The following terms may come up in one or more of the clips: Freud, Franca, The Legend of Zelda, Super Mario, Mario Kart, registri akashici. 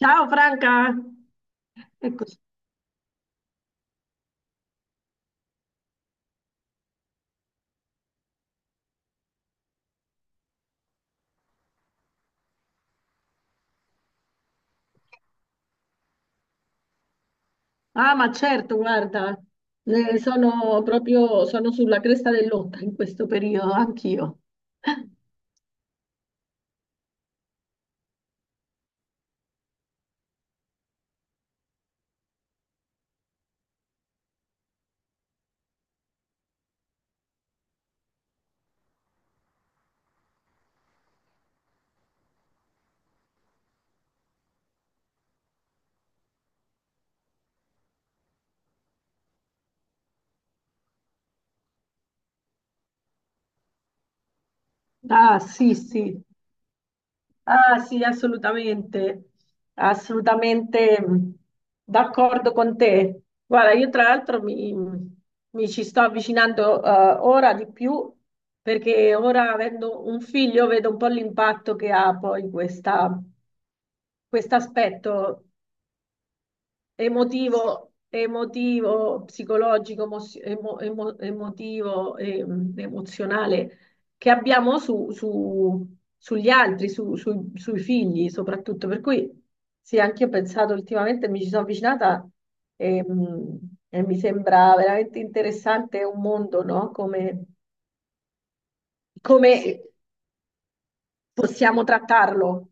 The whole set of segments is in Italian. Ciao Franca, eccoci. Ah, ma certo, guarda, sono sulla cresta dell'onda in questo periodo, anch'io. Ah, sì, sì, ah, sì, assolutamente, assolutamente d'accordo con te. Guarda, io tra l'altro mi ci sto avvicinando ora di più, perché ora, avendo un figlio, vedo un po' l'impatto che ha poi questa questo aspetto emotivo, emotivo, psicologico, emozio- emo- emo- emotivo, emozionale che abbiamo sugli altri, sui figli soprattutto. Per cui sì, anche io ho pensato ultimamente, mi ci sono avvicinata, ehm, mi sembra veramente interessante, un mondo, no? Come possiamo trattarlo.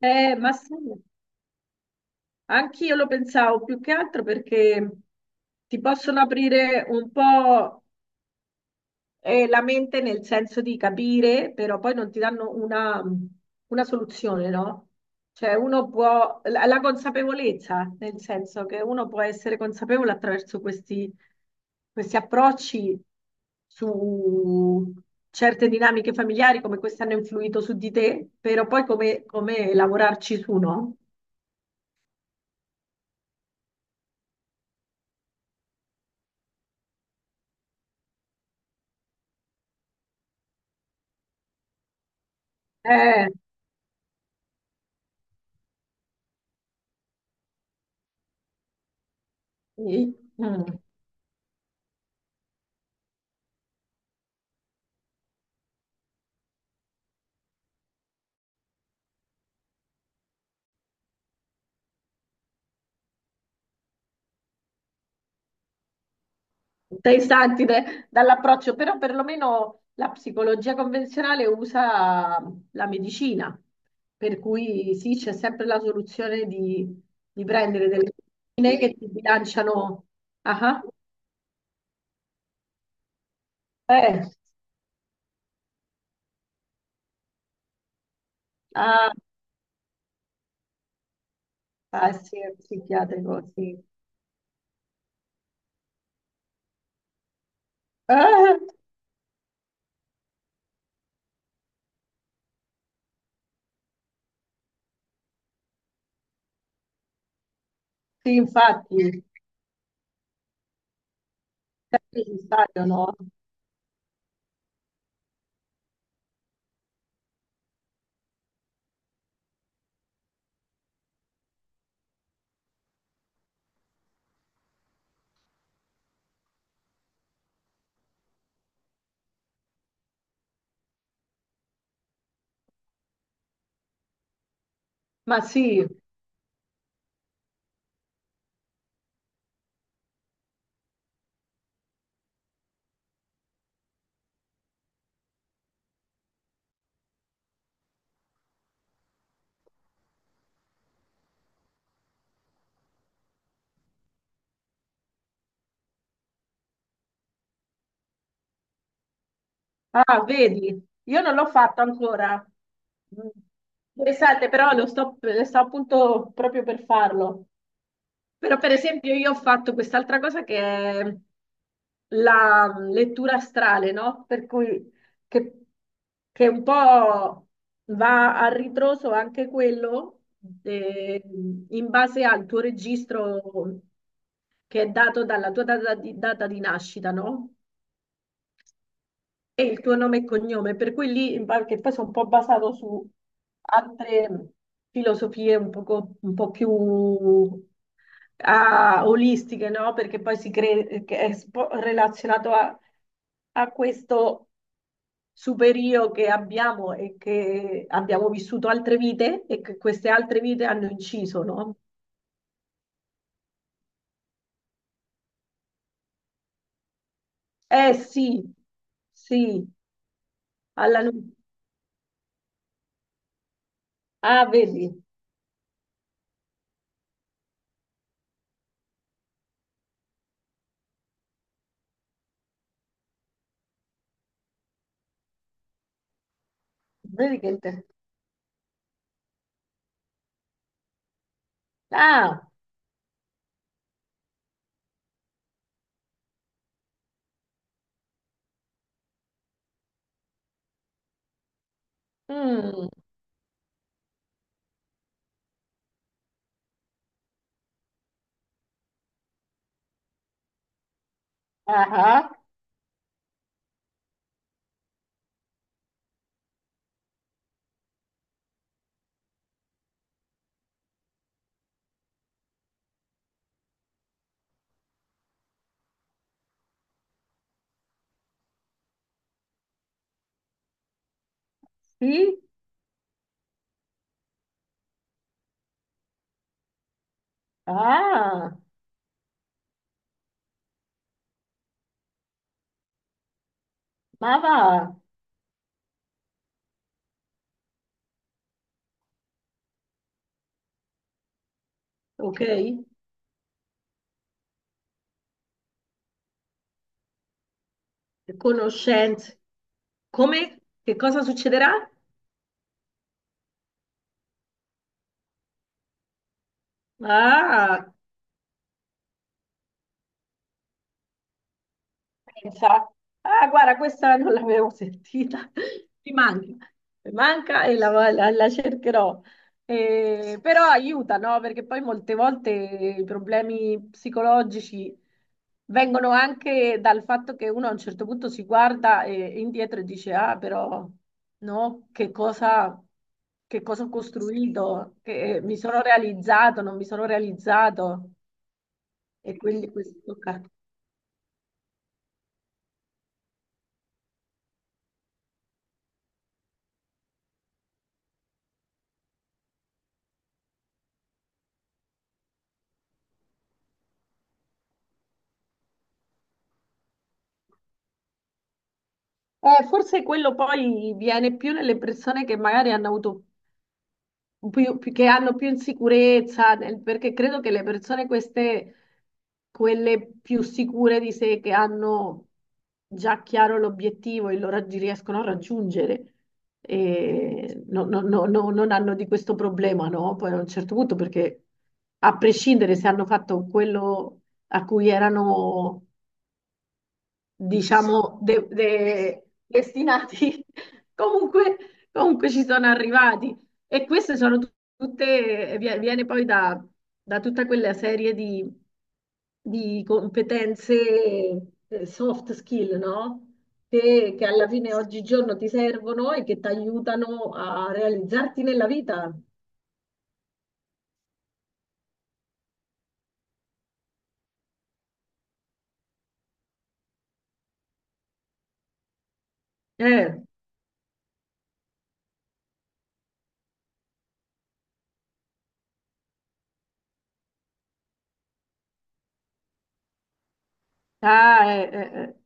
Ma sì. Anch'io lo pensavo, più che altro perché ti possono aprire un po' la mente, nel senso di capire, però poi non ti danno una soluzione, no? Cioè uno può, la consapevolezza, nel senso che uno può essere consapevole attraverso questi, questi approcci su certe dinamiche familiari, come queste hanno influito su di te, però poi come lavorarci su, no? Eh, sì. Mm. Dall'approccio, però perlomeno la psicologia convenzionale usa la medicina, per cui sì, c'è sempre la soluzione di prendere delle medicine che ti bilanciano. Ah, ah. Eh, ah, ah, sì, è psichiatrico, sì. Eh, sì, infatti, è necessario, no? Ma sì. Ah, vedi, io non l'ho fatto ancora. Mm. Interessante, però lo sto appunto proprio per farlo. Però, per esempio, io ho fatto quest'altra cosa che è la lettura astrale, no? Per cui che, che un po' va a ritroso anche quello, eh, in base al tuo registro, che è dato dalla tua data di nascita, no? E il tuo nome e cognome, per cui lì, che poi sono un po' basato su altre filosofie un po' più, ah, olistiche, no? Perché poi che è relazionato a, a questo superio che abbiamo, e che abbiamo vissuto altre vite e che queste altre vite hanno inciso, no? Eh sì, sì, alla nu- ah, vedi, vedi che... inter- ah, mm, ah. Ah. Sì? Ah, ma va, ok. Conoscenze. Come? Che cosa succederà? Ah, pensa, ah, guarda, questa non l'avevo sentita, mi manca, mi manca e la cercherò. Però aiuta, no? Perché poi molte volte i problemi psicologici vengono anche dal fatto che uno a un certo punto si guarda indietro e dice, ah, però, no? Che cosa ho costruito? Che mi sono realizzato, non mi sono realizzato. E quindi questo tocca. Forse quello poi viene più nelle persone che magari hanno avuto che hanno più insicurezza, perché credo che quelle più sicure di sé, che hanno già chiaro l'obiettivo e riescono a raggiungere, non hanno di questo problema, no? Poi a un certo punto, perché a prescindere se hanno fatto quello a cui erano, diciamo, destinati, comunque, comunque ci sono arrivati. E queste sono tutte, viene poi da, da tutta quella serie di competenze, soft skill, no? Che alla fine oggigiorno ti servono e che ti aiutano a realizzarti nella vita. Eh, ah, eh, eh, eh.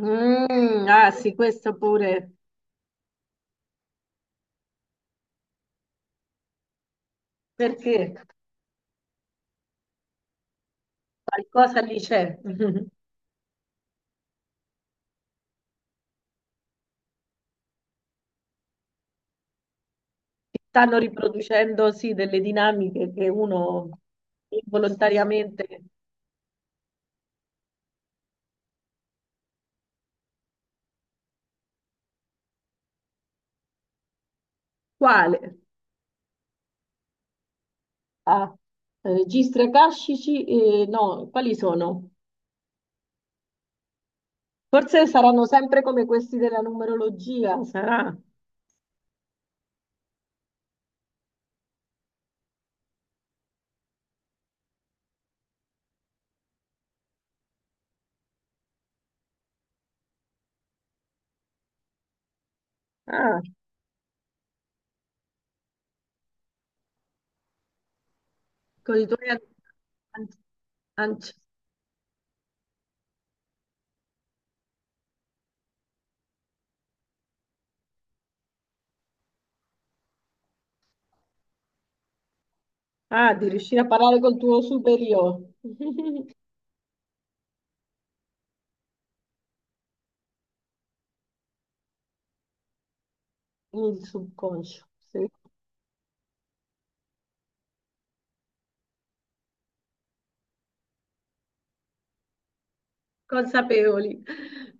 Ah, sì, questo pure, perché qualcosa lì c'è. Stanno riproducendo sì delle dinamiche che uno involontariamente... Quale? Ah, registri akashici? Eh, no, quali sono? Forse saranno sempre come questi della numerologia, sarà. Ah, con i tuoi an- anci- ah, di riuscire a parlare col tuo superiore, il subconscio. Sì. Consapevoli.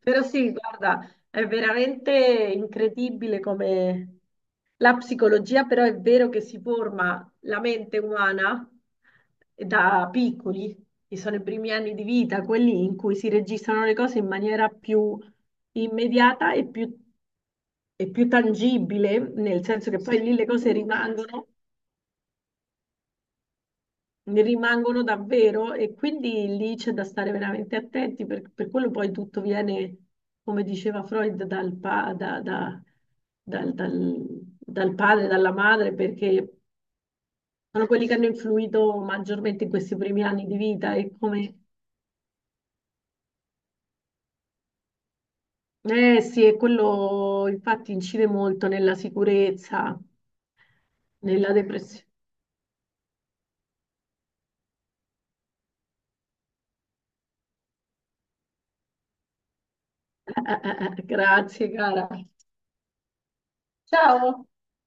Però sì, guarda, è veramente incredibile come la psicologia, però è vero che si forma la mente umana da piccoli, che sono i primi anni di vita, quelli in cui si registrano le cose in maniera più immediata e più tangibile, nel senso che poi lì le cose rimangono, ne rimangono davvero, e quindi lì c'è da stare veramente attenti, per quello poi tutto viene, come diceva Freud, dal, pa- da- da- dal- dal- dal padre, dalla madre, perché sono quelli che hanno influito maggiormente in questi primi anni di vita e come... Eh sì, e quello infatti incide molto nella sicurezza, nella depressione. Grazie, cara. Ciao.